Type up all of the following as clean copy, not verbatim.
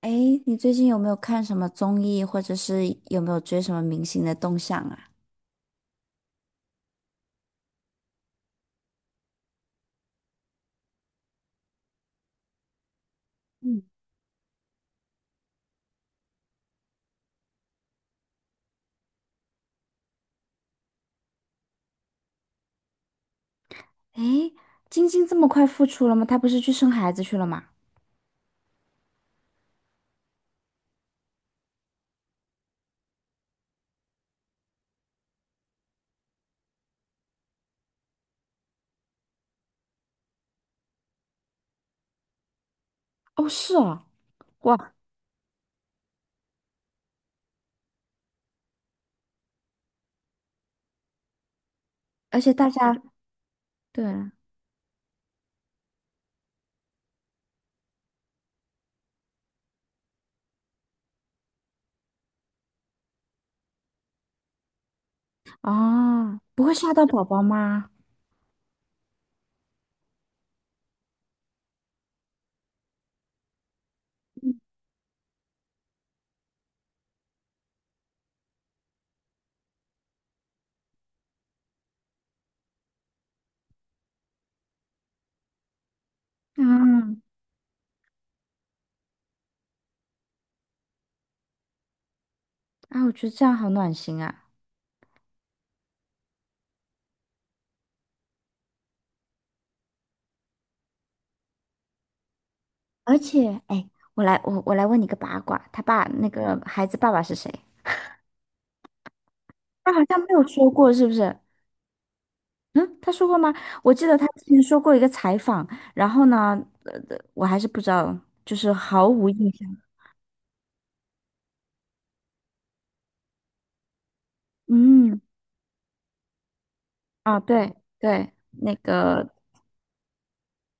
哎，你最近有没有看什么综艺，或者是有没有追什么明星的动向啊？嗯。哎，晶晶这么快复出了吗？她不是去生孩子去了吗？哦，是哦。哇，而且大家对啊。哦，不会吓到宝宝吗？嗯。啊，我觉得这样好暖心啊。而且，哎，我来问你个八卦，他爸那个孩子爸爸是谁？他好像没有说过，是不是？嗯，他说过吗？我记得他之前说过一个采访，然后呢，我还是不知道，就是毫无印象。嗯。啊，对对，那个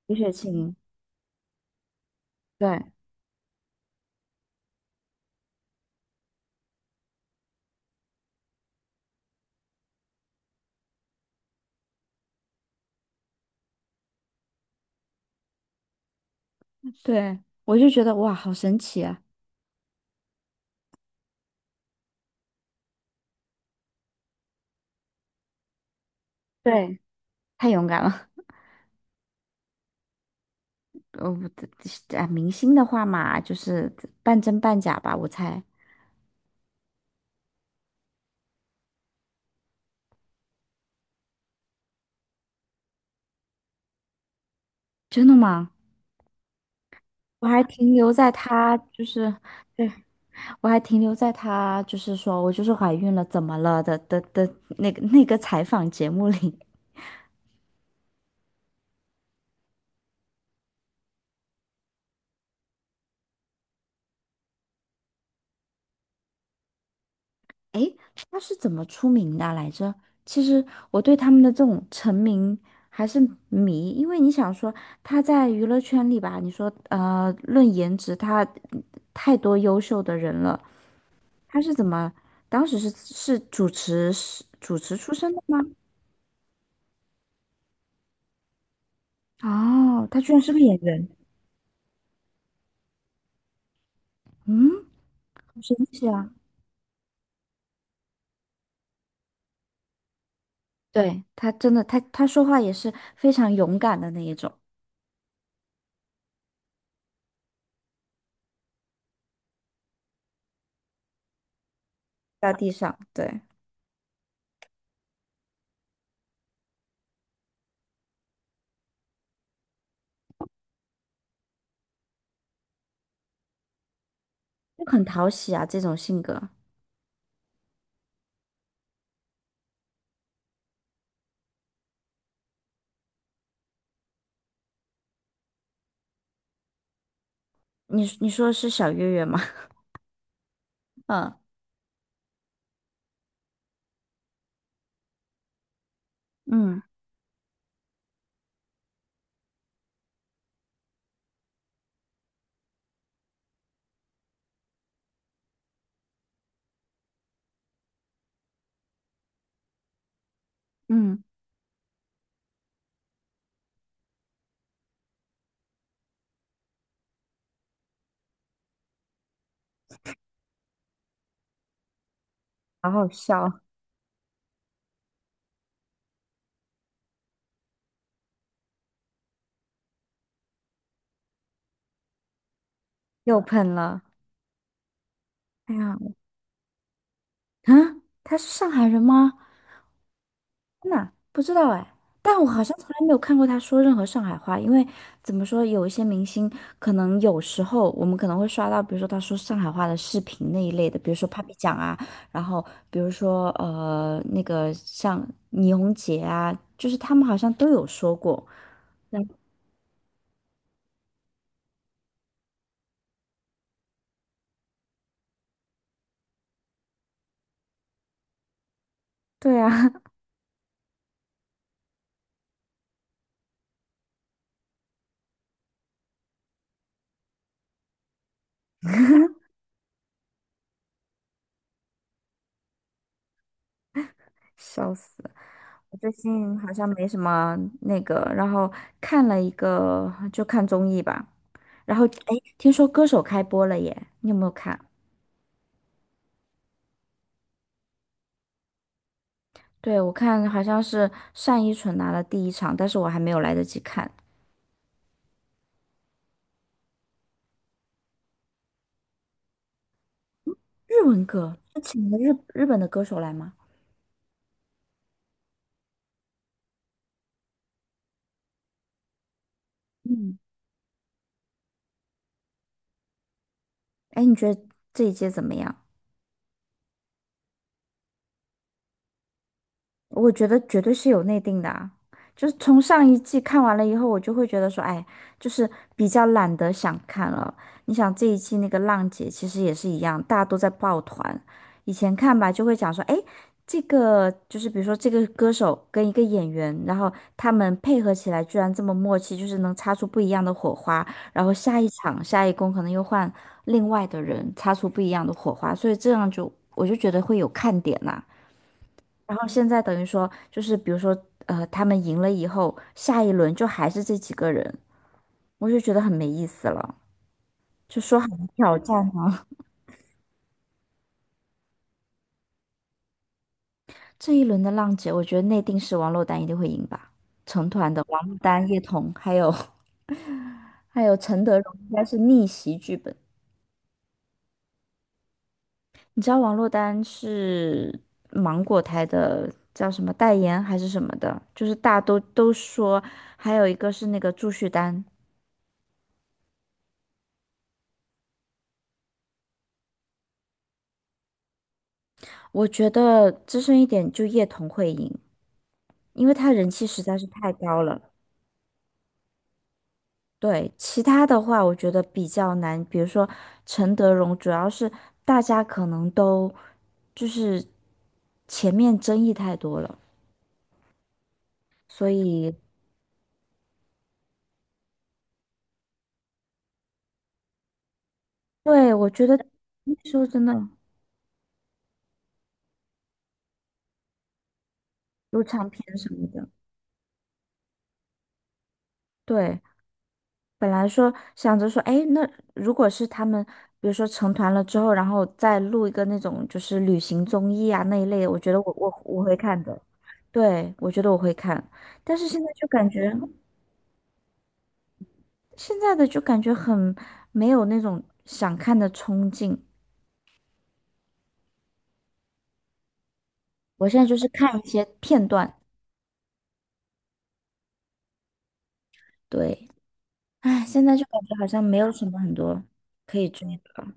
李雪琴，对对，我就觉得哇，好神奇啊！对，太勇敢了。我的啊，明星的话嘛，就是半真半假吧，我猜。真的吗？我还停留在他就是。对，我还停留在她就是说我就是怀孕了，怎么了的那个那个采访节目里。诶，她是怎么出名的啊来着？其实我对他们的这种成名还是迷，因为你想说他在娱乐圈里吧，你说论颜值，他太多优秀的人了。他是怎么当时是主持出身的吗？哦，他居然是个演员。嗯，好神奇啊！对，他真的，他他说话也是非常勇敢的那一种。在地上，对。就很讨喜啊，这种性格。你你说的是小月月吗？嗯嗯嗯，好好笑。又喷了。哎呀，啊，他是上海人吗？真的不知道哎。但我好像从来没有看过他说任何上海话，因为怎么说，有一些明星可能有时候我们可能会刷到，比如说他说上海话的视频那一类的，比如说 Papi 酱啊，然后比如说那个像倪虹洁啊，就是他们好像都有说过。嗯对啊。笑死！我最近好像没什么那个，然后看了一个就看综艺吧，然后哎，听说歌手开播了耶，你有没有看？对，我看好像是单依纯拿了第一场，但是我还没有来得及看。日文歌，他请了日本的歌手来吗？嗯。哎，你觉得这一届怎么样？我觉得绝对是有内定的啊，就是从上一季看完了以后，我就会觉得说，哎，就是比较懒得想看了。你想这一季那个浪姐其实也是一样，大家都在抱团。以前看吧，就会讲说，哎，这个就是比如说这个歌手跟一个演员，然后他们配合起来居然这么默契，就是能擦出不一样的火花。然后下一场下一公可能又换另外的人擦出不一样的火花，所以这样就我就觉得会有看点呐、然后现在等于说，就是比如说，他们赢了以后，下一轮就还是这几个人，我就觉得很没意思了。就说好的挑战呢。这一轮的浪姐，我觉得内定是王珞丹一定会赢吧。成团的王珞丹、叶童，还有 还有陈德容，应该是逆袭剧本。你知道王珞丹是芒果台的叫什么代言还是什么的，就是大家都说，还有一个是那个祝绪丹。我觉得资深一点就叶童会赢。因为他人气实在是太高了。对，其他的话我觉得比较难，比如说陈德容，主要是大家可能都就是前面争议太多了，所以对。我觉得那时候真的有唱片什么的，对，本来说想着说，哎，那如果是他们，比如说成团了之后，然后再录一个那种就是旅行综艺啊那一类的，我觉得我会看的。对，我觉得我会看。但是现在就感觉现在的就感觉很没有那种想看的冲劲。我现在就是看一些片段，对。哎，现在就感觉好像没有什么很多可以追的。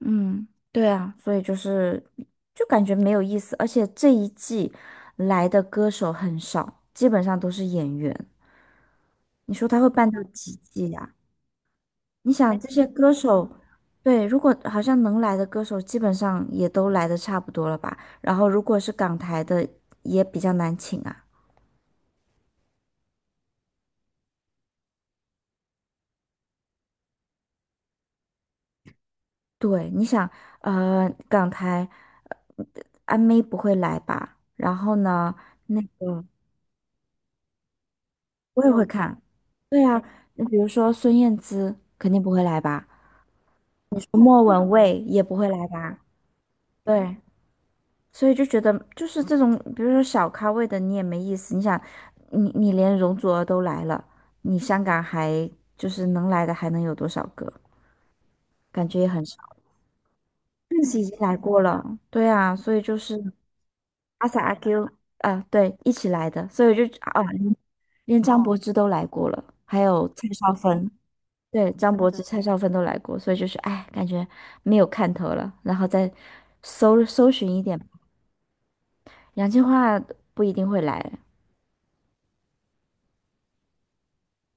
嗯，对啊，所以就是就感觉没有意思，而且这一季来的歌手很少，基本上都是演员。你说他会办到几季呀、你想这些歌手，对，如果好像能来的歌手，基本上也都来的差不多了吧？然后如果是港台的，也比较难请啊。对，你想，港台阿妹不会来吧？然后呢，那个我也会看。对啊，你比如说孙燕姿肯定不会来吧，莫文蔚也不会来吧，对，所以就觉得就是这种，比如说小咖位的你也没意思。你想，你你连容祖儿都来了，你香港还就是能来的还能有多少个？感觉也很少。邓紫已经来过了，对啊，所以就是阿 sa 阿 Q 啊，对，一起来的，所以我就啊，连张柏芝都来过了，还有蔡少芬。对，张柏芝、蔡少芬都来过，所以就是哎，感觉没有看头了，然后再搜寻一点，杨千嬅不一定会来，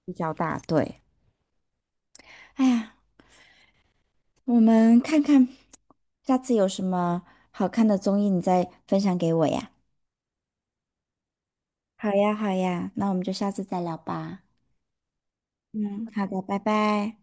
比较大，对。哎呀，我们看看下次有什么好看的综艺，你再分享给我呀。好呀，好呀，那我们就下次再聊吧。嗯，好的，拜拜。